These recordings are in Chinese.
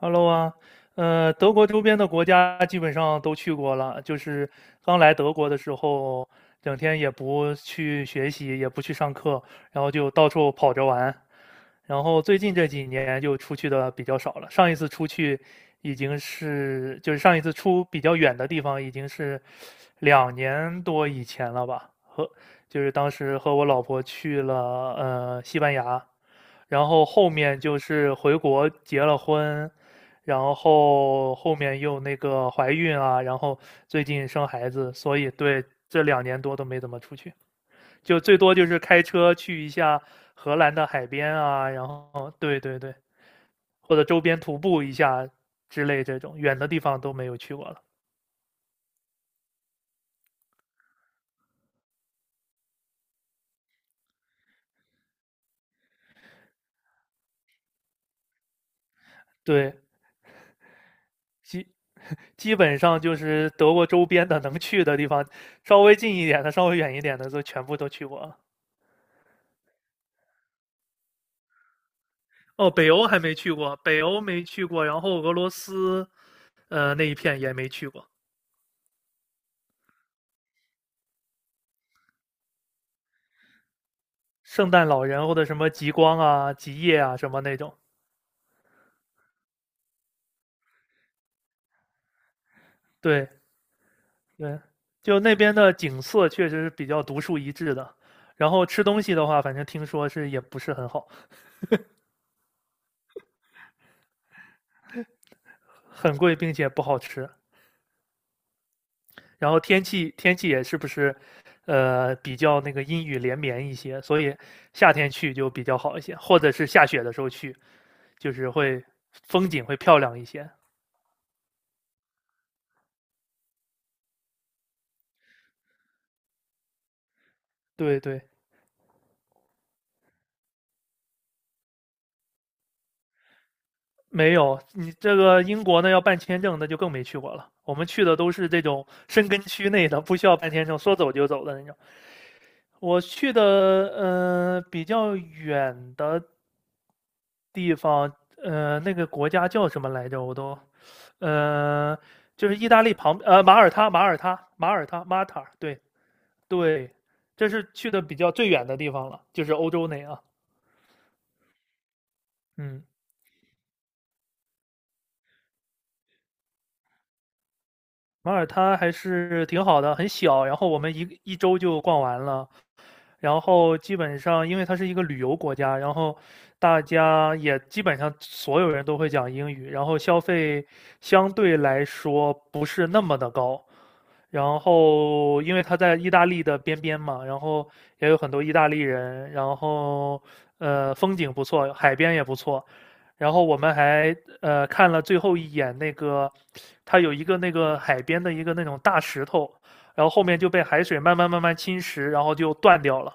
Hello 啊，德国周边的国家基本上都去过了。就是刚来德国的时候，整天也不去学习，也不去上课，然后就到处跑着玩。然后最近这几年就出去的比较少了。上一次出去已经是，就是上一次出比较远的地方，已经是2年多以前了吧。就是当时和我老婆去了西班牙，然后后面就是回国结了婚，然后后面又怀孕啊，然后最近生孩子，所以对，这两年多都没怎么出去。就最多就是开车去一下荷兰的海边啊，然后对对对，或者周边徒步一下之类这种远的地方都没有去过了。对，基本上就是德国周边的能去的地方，稍微近一点的、稍微远一点的都全部都去过了。哦，北欧还没去过，北欧没去过，然后俄罗斯那一片也没去过，圣诞老人或者什么极光啊、极夜啊什么那种。对，对，就那边的景色确实是比较独树一帜的。然后吃东西的话，反正听说是也不是很好，很贵，并且不好吃。然后天气也是不是，比较阴雨连绵一些，所以夏天去就比较好一些，或者是下雪的时候去，就是会风景会漂亮一些。对对，没有你这个英国呢要办签证，那就更没去过了。我们去的都是这种深根区内的，不需要办签证，说走就走的那种。我去的比较远的地方，那个国家叫什么来着？呃，就是意大利旁马耳他，马塔，对对，这是去的比较最远的地方了，就是欧洲内啊。嗯，马耳他还是挺好的，很小，然后我们一周就逛完了。然后基本上，因为它是一个旅游国家，然后大家也基本上所有人都会讲英语，然后消费相对来说不是那么的高。然后，因为它在意大利的边边嘛，然后也有很多意大利人，然后风景不错，海边也不错。然后我们还看了最后一眼那个，它有一个那个海边的一个那种大石头，然后后面就被海水慢慢慢慢侵蚀，然后就断掉了。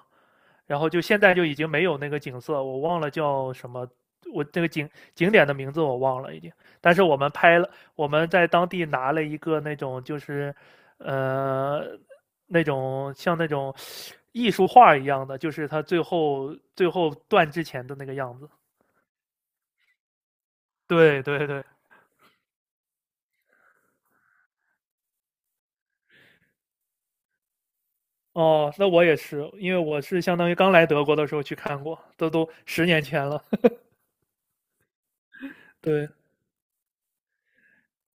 然后就现在就已经没有那个景色，我忘了叫什么，我这个景点的名字我忘了已经。但是我们拍了，我们在当地拿了一个那种就是，呃，那种像那种艺术画一样的，就是它最后断之前的那个样子。对对对，哦，那我也是，因为我是相当于刚来德国的时候去看过，这都10年前了。对，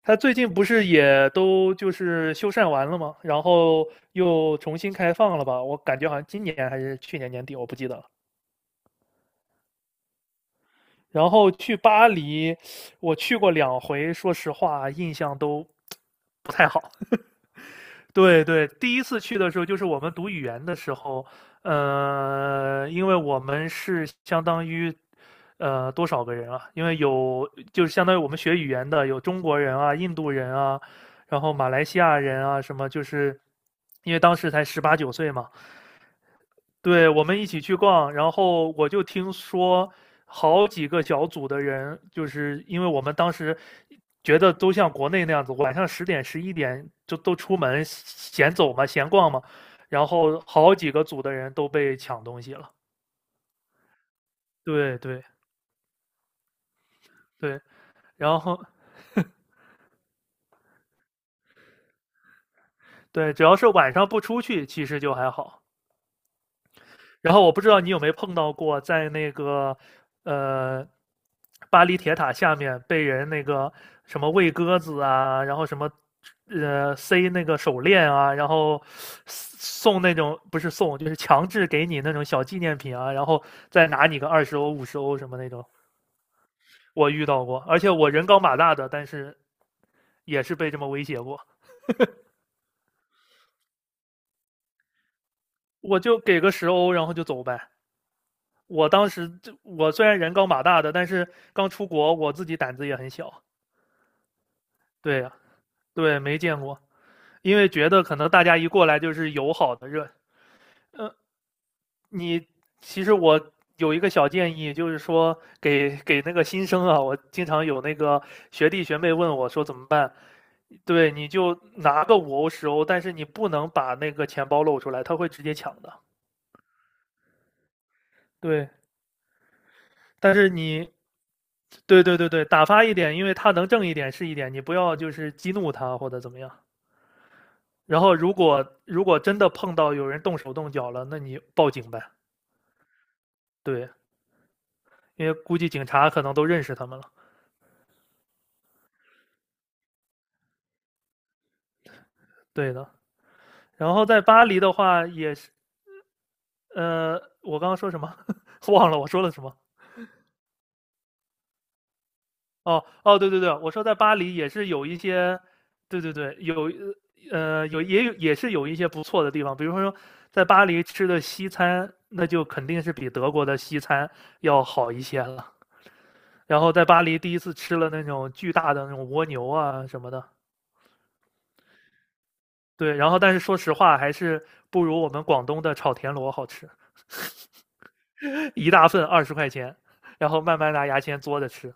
他最近不是也都就是修缮完了吗？然后又重新开放了吧？我感觉好像今年还是去年年底，我不记得了。然后去巴黎，我去过2回，说实话啊印象都不太好。对对，第一次去的时候就是我们读语言的时候，因为我们是相当于，多少个人啊？因为有就是相当于我们学语言的有中国人啊、印度人啊，然后马来西亚人啊什么，就是因为当时才十八九岁嘛，对，我们一起去逛，然后我就听说好几个小组的人，就是因为我们当时觉得都像国内那样子，晚上10点、11点就都出门闲走嘛、闲逛嘛，然后好几个组的人都被抢东西了。对对对，然后对，只要是晚上不出去，其实就还好。然后我不知道你有没有碰到过，在那个呃巴黎铁塔下面被人那个什么喂鸽子啊，然后什么塞那个手链啊，然后送那种不是送就是强制给你那种小纪念品啊，然后再拿你个20欧50欧什么那种，我遇到过，而且我人高马大的，但是也是被这么威胁过，我就给个十欧，然后就走呗。我当时我虽然人高马大的，但是刚出国，我自己胆子也很小。对呀、对，没见过，因为觉得可能大家一过来就是友好的热。你其实我有一个小建议，就是说给那个新生啊，我经常有那个学弟学妹问我说怎么办，对，你就拿个5欧十欧，但是你不能把那个钱包露出来，他会直接抢的。对，但是你，对对对对，打发一点，因为他能挣一点是一点，你不要就是激怒他或者怎么样。然后如果真的碰到有人动手动脚了，那你报警呗。对，因为估计警察可能都认识他们了。对的。然后在巴黎的话也是，我刚刚说什么？忘了我说了什么。哦哦，对对对，我说在巴黎也是有一些，对对对，有呃有也有也是有一些不错的地方，比如说在巴黎吃的西餐，那就肯定是比德国的西餐要好一些了。然后在巴黎第一次吃了那种巨大的那种蜗牛啊什么的，对，然后但是说实话还是不如我们广东的炒田螺好吃，一大份20块钱，然后慢慢拿牙签嘬着吃。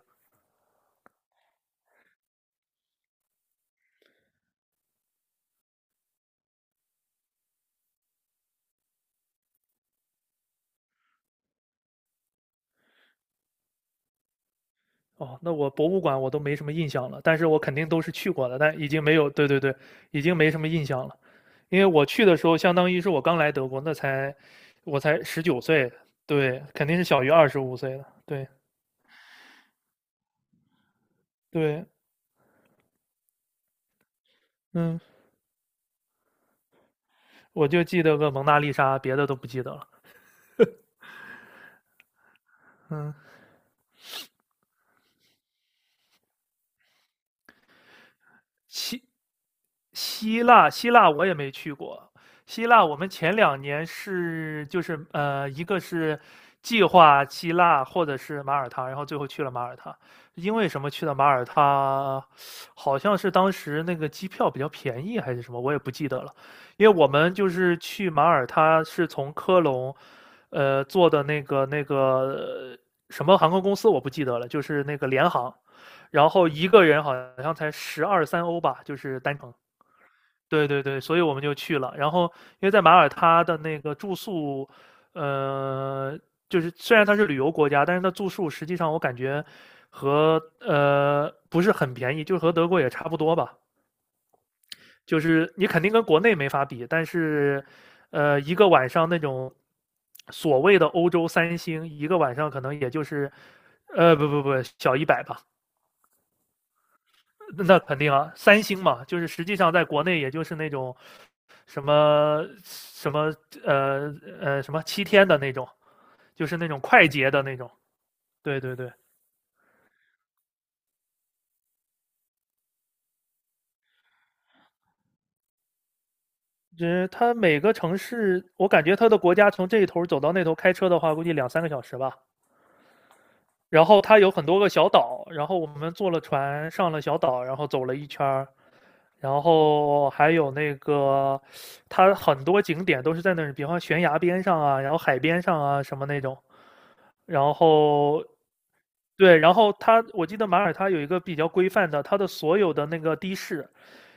哦，那我博物馆我都没什么印象了，但是我肯定都是去过的，但已经没有，对对对，已经没什么印象了，因为我去的时候相当于是我刚来德国，我才19岁，对，肯定是小于25岁的，对对，嗯，我就记得个蒙娜丽莎，别的都不记得了，嗯，七。希腊，希腊我也没去过。希腊我们前两年是就是一个是计划希腊或者是马耳他，然后最后去了马耳他。因为什么去的马耳他？好像是当时那个机票比较便宜还是什么，我也不记得了。因为我们就是去马耳他是从科隆，坐的那个什么航空公司我不记得了，就是那个联航。然后一个人好像才十二三欧吧，就是单程。对对对，所以我们就去了。然后，因为在马耳他的那个住宿，呃，就是虽然它是旅游国家，但是它住宿实际上我感觉和不是很便宜，就和德国也差不多吧。就是你肯定跟国内没法比，但是，一个晚上那种所谓的欧洲三星，一个晚上可能也就是，不不不，小100吧，那肯定啊，三星嘛，就是实际上在国内也就是那种什么什么呃什么七天的那种，就是那种快捷的那种。对对对，就是它每个城市，我感觉它的国家从这一头走到那头开车的话，估计两三个小时吧。然后它有很多个小岛，然后我们坐了船上了小岛，然后走了一圈儿，然后还有那个它很多景点都是在那儿，比方悬崖边上啊，然后海边上啊什么那种。然后对，然后它我记得马耳他有一个比较规范的，它的所有的那个的士，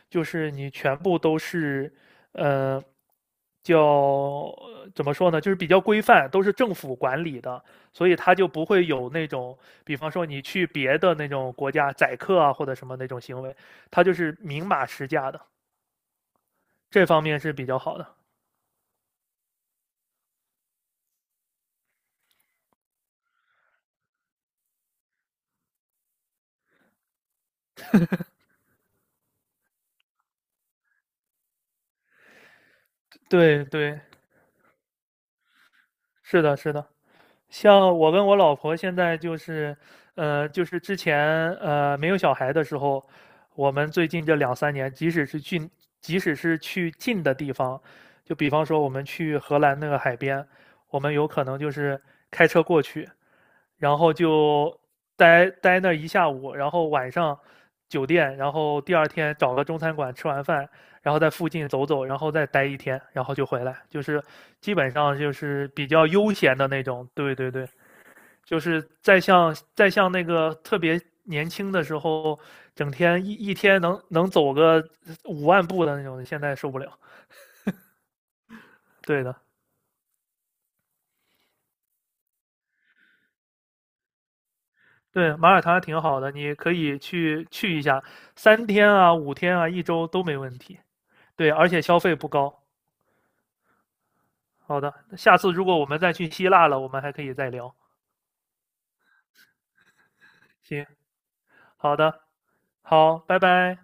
就是你全部都是，呃，叫怎么说呢，就是比较规范，都是政府管理的，所以它就不会有那种，比方说你去别的那种国家宰客啊或者什么那种行为，它就是明码实价的，这方面是比较好的。对对，是的，是的。像我跟我老婆现在就是，就是之前没有小孩的时候，我们最近这两三年，即使是去近的地方，就比方说我们去荷兰那个海边，我们有可能就是开车过去，然后就待那一下午，然后晚上酒店，然后第二天找个中餐馆吃完饭，然后在附近走走，然后再待一天，然后就回来，就是基本上就是比较悠闲的那种。对对对，就是再像那个特别年轻的时候，整天一天能走个5万步的那种，现在受不了。对的，对，马耳他挺好的，你可以去去一下，3天啊、5天啊、一周都没问题。对，而且消费不高。好的，下次如果我们再去希腊了，我们还可以再聊。行，好的，好，拜拜。